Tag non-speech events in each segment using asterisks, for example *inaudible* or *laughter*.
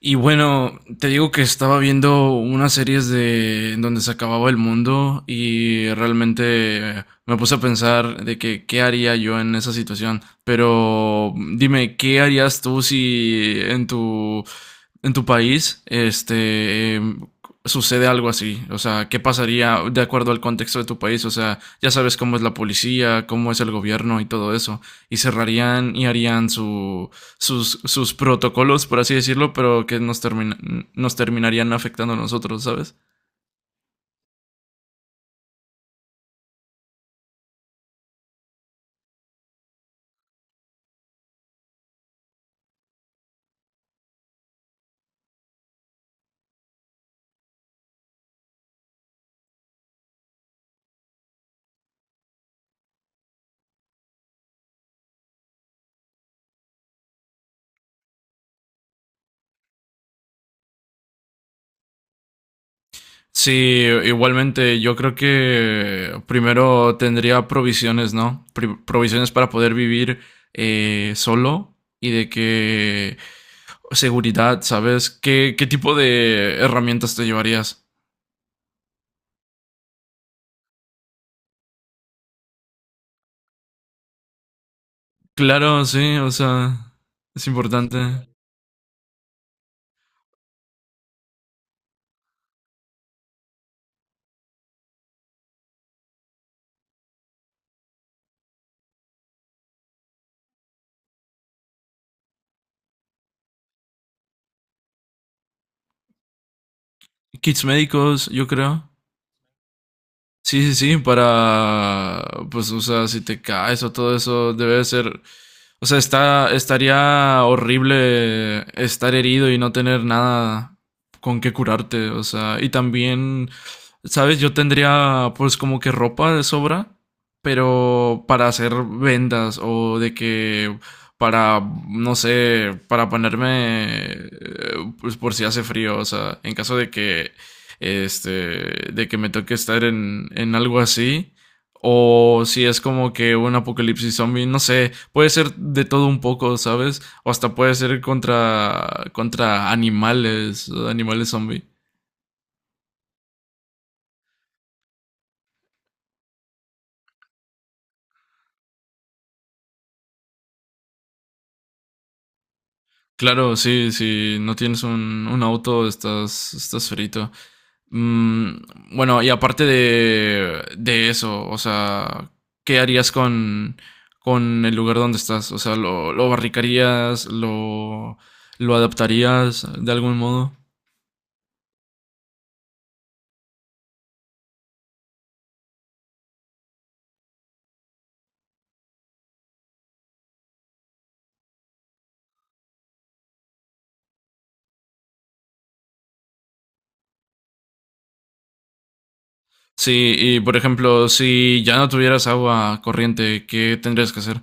Y bueno, te digo que estaba viendo unas series de en donde se acababa el mundo y realmente me puse a pensar de que qué haría yo en esa situación. Pero dime, ¿qué harías tú si en tu país, sucede algo así? O sea, ¿qué pasaría de acuerdo al contexto de tu país? O sea, ya sabes cómo es la policía, cómo es el gobierno y todo eso. Y cerrarían y harían su, sus, sus protocolos, por así decirlo, pero que nos, termina, nos terminarían afectando a nosotros, ¿sabes? Sí, igualmente, yo creo que primero tendría provisiones, ¿no? Pri- provisiones para poder vivir solo y de que seguridad, ¿sabes? ¿Qué, qué tipo de herramientas te llevarías? Claro, sí, o sea, es importante. Kits médicos, yo creo. Sí, sí, sí, para, pues, o sea, si te caes o todo eso, debe de ser, o sea, está, estaría horrible estar herido y no tener nada con qué curarte, o sea, y también, ¿sabes? Yo tendría, pues, como que ropa de sobra, pero para hacer vendas o de que, para, no sé, para ponerme, pues, por si hace frío, o sea, en caso de que de que me toque estar en algo así. O si es como que un apocalipsis zombie, no sé, puede ser de todo un poco, ¿sabes? O hasta puede ser contra, contra animales, animales zombie. Claro, sí, si no tienes un auto, estás, estás frito. Mm, bueno, y aparte de eso, o sea, ¿qué harías con el lugar donde estás? O sea, lo barricarías? Lo adaptarías de algún modo? Sí, y por ejemplo, si ya no tuvieras agua corriente, ¿qué tendrías que hacer?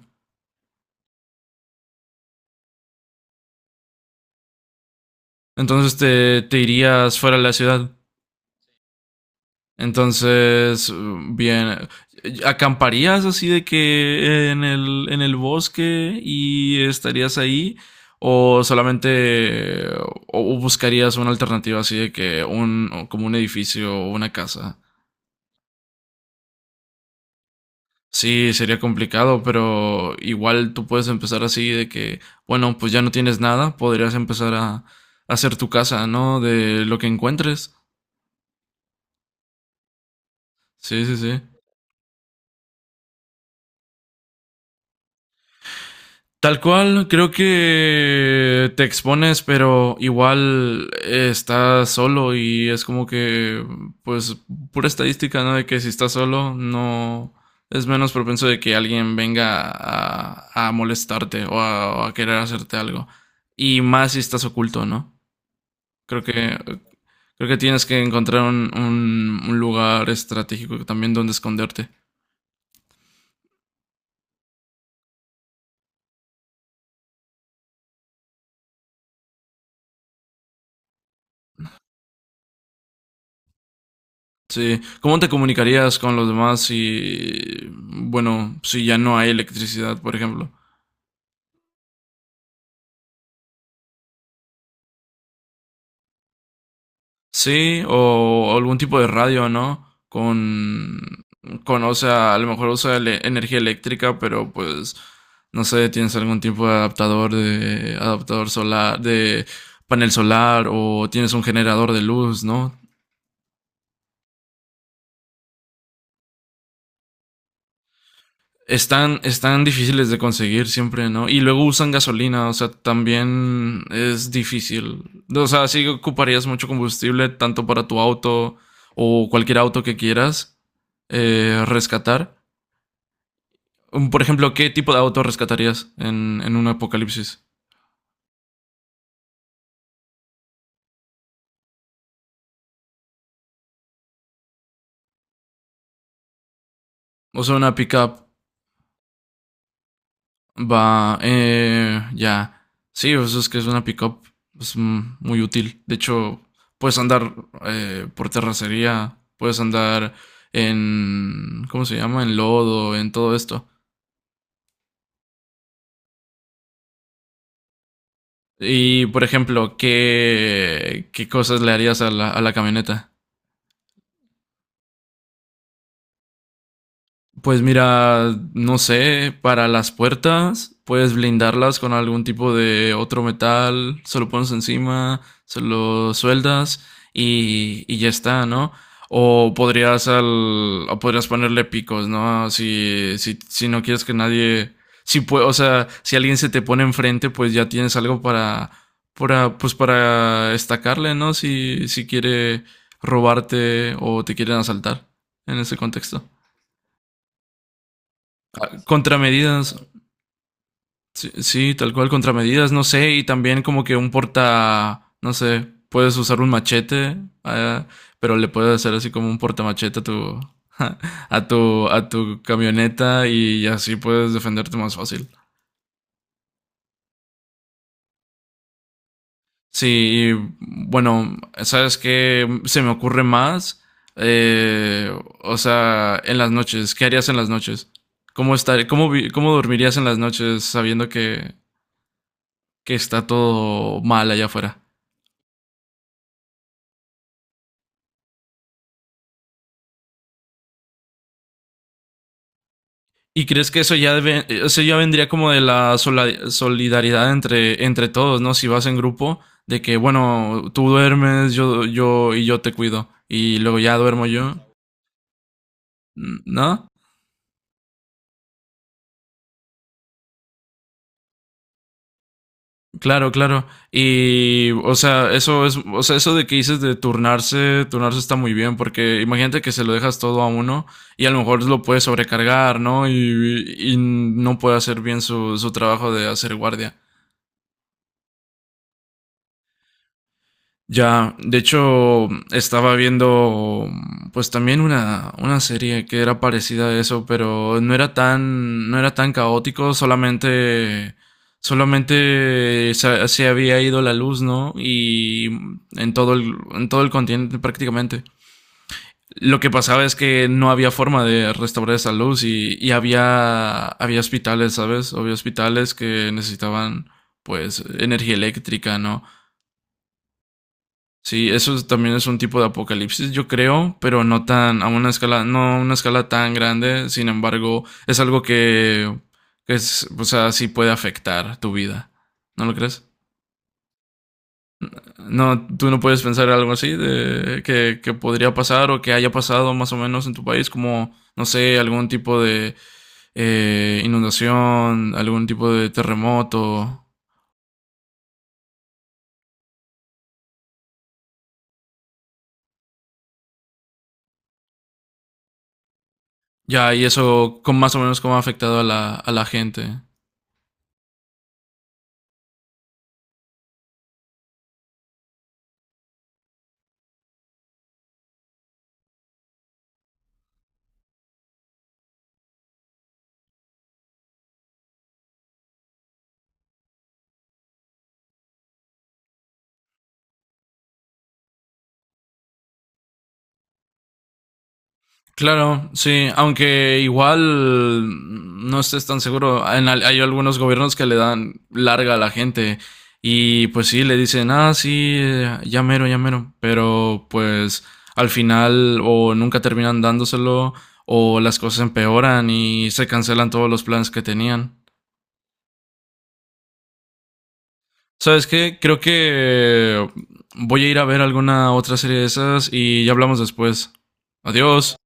Entonces te irías fuera de la ciudad. Entonces, bien, ¿acamparías así de que en el bosque y estarías ahí? ¿O solamente o buscarías una alternativa así de que un, como un edificio o una casa? Sí, sería complicado, pero igual tú puedes empezar así de que, bueno, pues ya no tienes nada, podrías empezar a hacer tu casa, ¿no? De lo que encuentres. Sí, sí, sí. Tal cual, creo que te expones, pero igual estás solo y es como que, pues, pura estadística, ¿no? De que si estás solo, no es menos propenso de que alguien venga a molestarte o a querer hacerte algo. Y más si estás oculto, ¿no? Creo que, creo que tienes que encontrar un, un lugar estratégico también donde esconderte. Sí, ¿cómo te comunicarías con los demás si, bueno, si ya no hay electricidad, por ejemplo? Sí, o algún tipo de radio, ¿no? Con, o sea, a lo mejor usa energía eléctrica, pero pues, no sé, tienes algún tipo de adaptador solar, de panel solar, o tienes un generador de luz, ¿no? Están, están difíciles de conseguir siempre, ¿no? Y luego usan gasolina, o sea, también es difícil. O sea, sí ocuparías mucho combustible, tanto para tu auto o cualquier auto que quieras rescatar. Por ejemplo, ¿qué tipo de auto rescatarías en un apocalipsis? O sea, una pickup. Va, ya. Sí, pues es que es una pickup pues, muy útil. De hecho, puedes andar por terracería, puedes andar en, ¿cómo se llama? En lodo, en todo esto. Y, por ejemplo, ¿qué, qué cosas le harías a la camioneta? Pues mira, no sé, para las puertas puedes blindarlas con algún tipo de otro metal, se lo pones encima, se lo sueldas y ya está, ¿no? O podrías al, o podrías ponerle picos, ¿no? Si, si, si no quieres que nadie, o sea, si alguien se te pone enfrente, pues ya tienes algo para, pues para estacarle, ¿no? Si, si quiere robarte o te quieren asaltar en ese contexto. Contramedidas. Sí, sí, tal cual, contramedidas, no sé, y también como que un porta, no sé, puedes usar un machete, eh, pero le puedes hacer así como un portamachete a tu, *laughs* a tu camioneta y así puedes defenderte más fácil. Sí, y, bueno, sabes qué se me ocurre más. Eh, o sea, en las noches, ¿qué harías en las noches? ¿Cómo estar, cómo, cómo dormirías en las noches sabiendo que está todo mal allá afuera? ¿Y crees que eso ya, eso ya vendría como de la solidaridad entre, entre todos, ¿no? Si vas en grupo, de que, bueno, tú duermes, yo y yo te cuido, y luego ya duermo yo, ¿no? Claro, claro. Y, o sea, eso es, o sea, eso de que dices de turnarse, turnarse está muy bien, porque imagínate que se lo dejas todo a uno y a lo mejor lo puede sobrecargar, ¿no? Y no puede hacer bien su, su trabajo de hacer guardia. Ya, de hecho, estaba viendo pues también una serie que era parecida a eso, pero no era tan, no era tan caótico, solamente, solamente se, se había ido la luz, ¿no? Y en todo el continente prácticamente. Lo que pasaba es que no había forma de restaurar esa luz y había, había hospitales, ¿sabes? Había hospitales que necesitaban pues energía eléctrica, ¿no? Sí, eso es- también es un tipo de apocalipsis, yo creo, pero no tan, a una escala, no a una escala tan grande. Sin embargo, es algo que es, o sea, sí puede afectar tu vida. ¿No lo crees? No, tú no puedes pensar algo así de que podría pasar o que haya pasado más o menos en tu país, como, no sé, algún tipo de inundación, algún tipo de terremoto. Ya, y eso con más o menos cómo ha afectado a la gente. Claro, sí, aunque igual no estés tan seguro. Hay algunos gobiernos que le dan larga a la gente y pues sí, le dicen, ah, sí, ya mero, pero pues al final o nunca terminan dándoselo o las cosas empeoran y se cancelan todos los planes que tenían. ¿Sabes qué? Creo que voy a ir a ver alguna otra serie de esas y ya hablamos después. Adiós.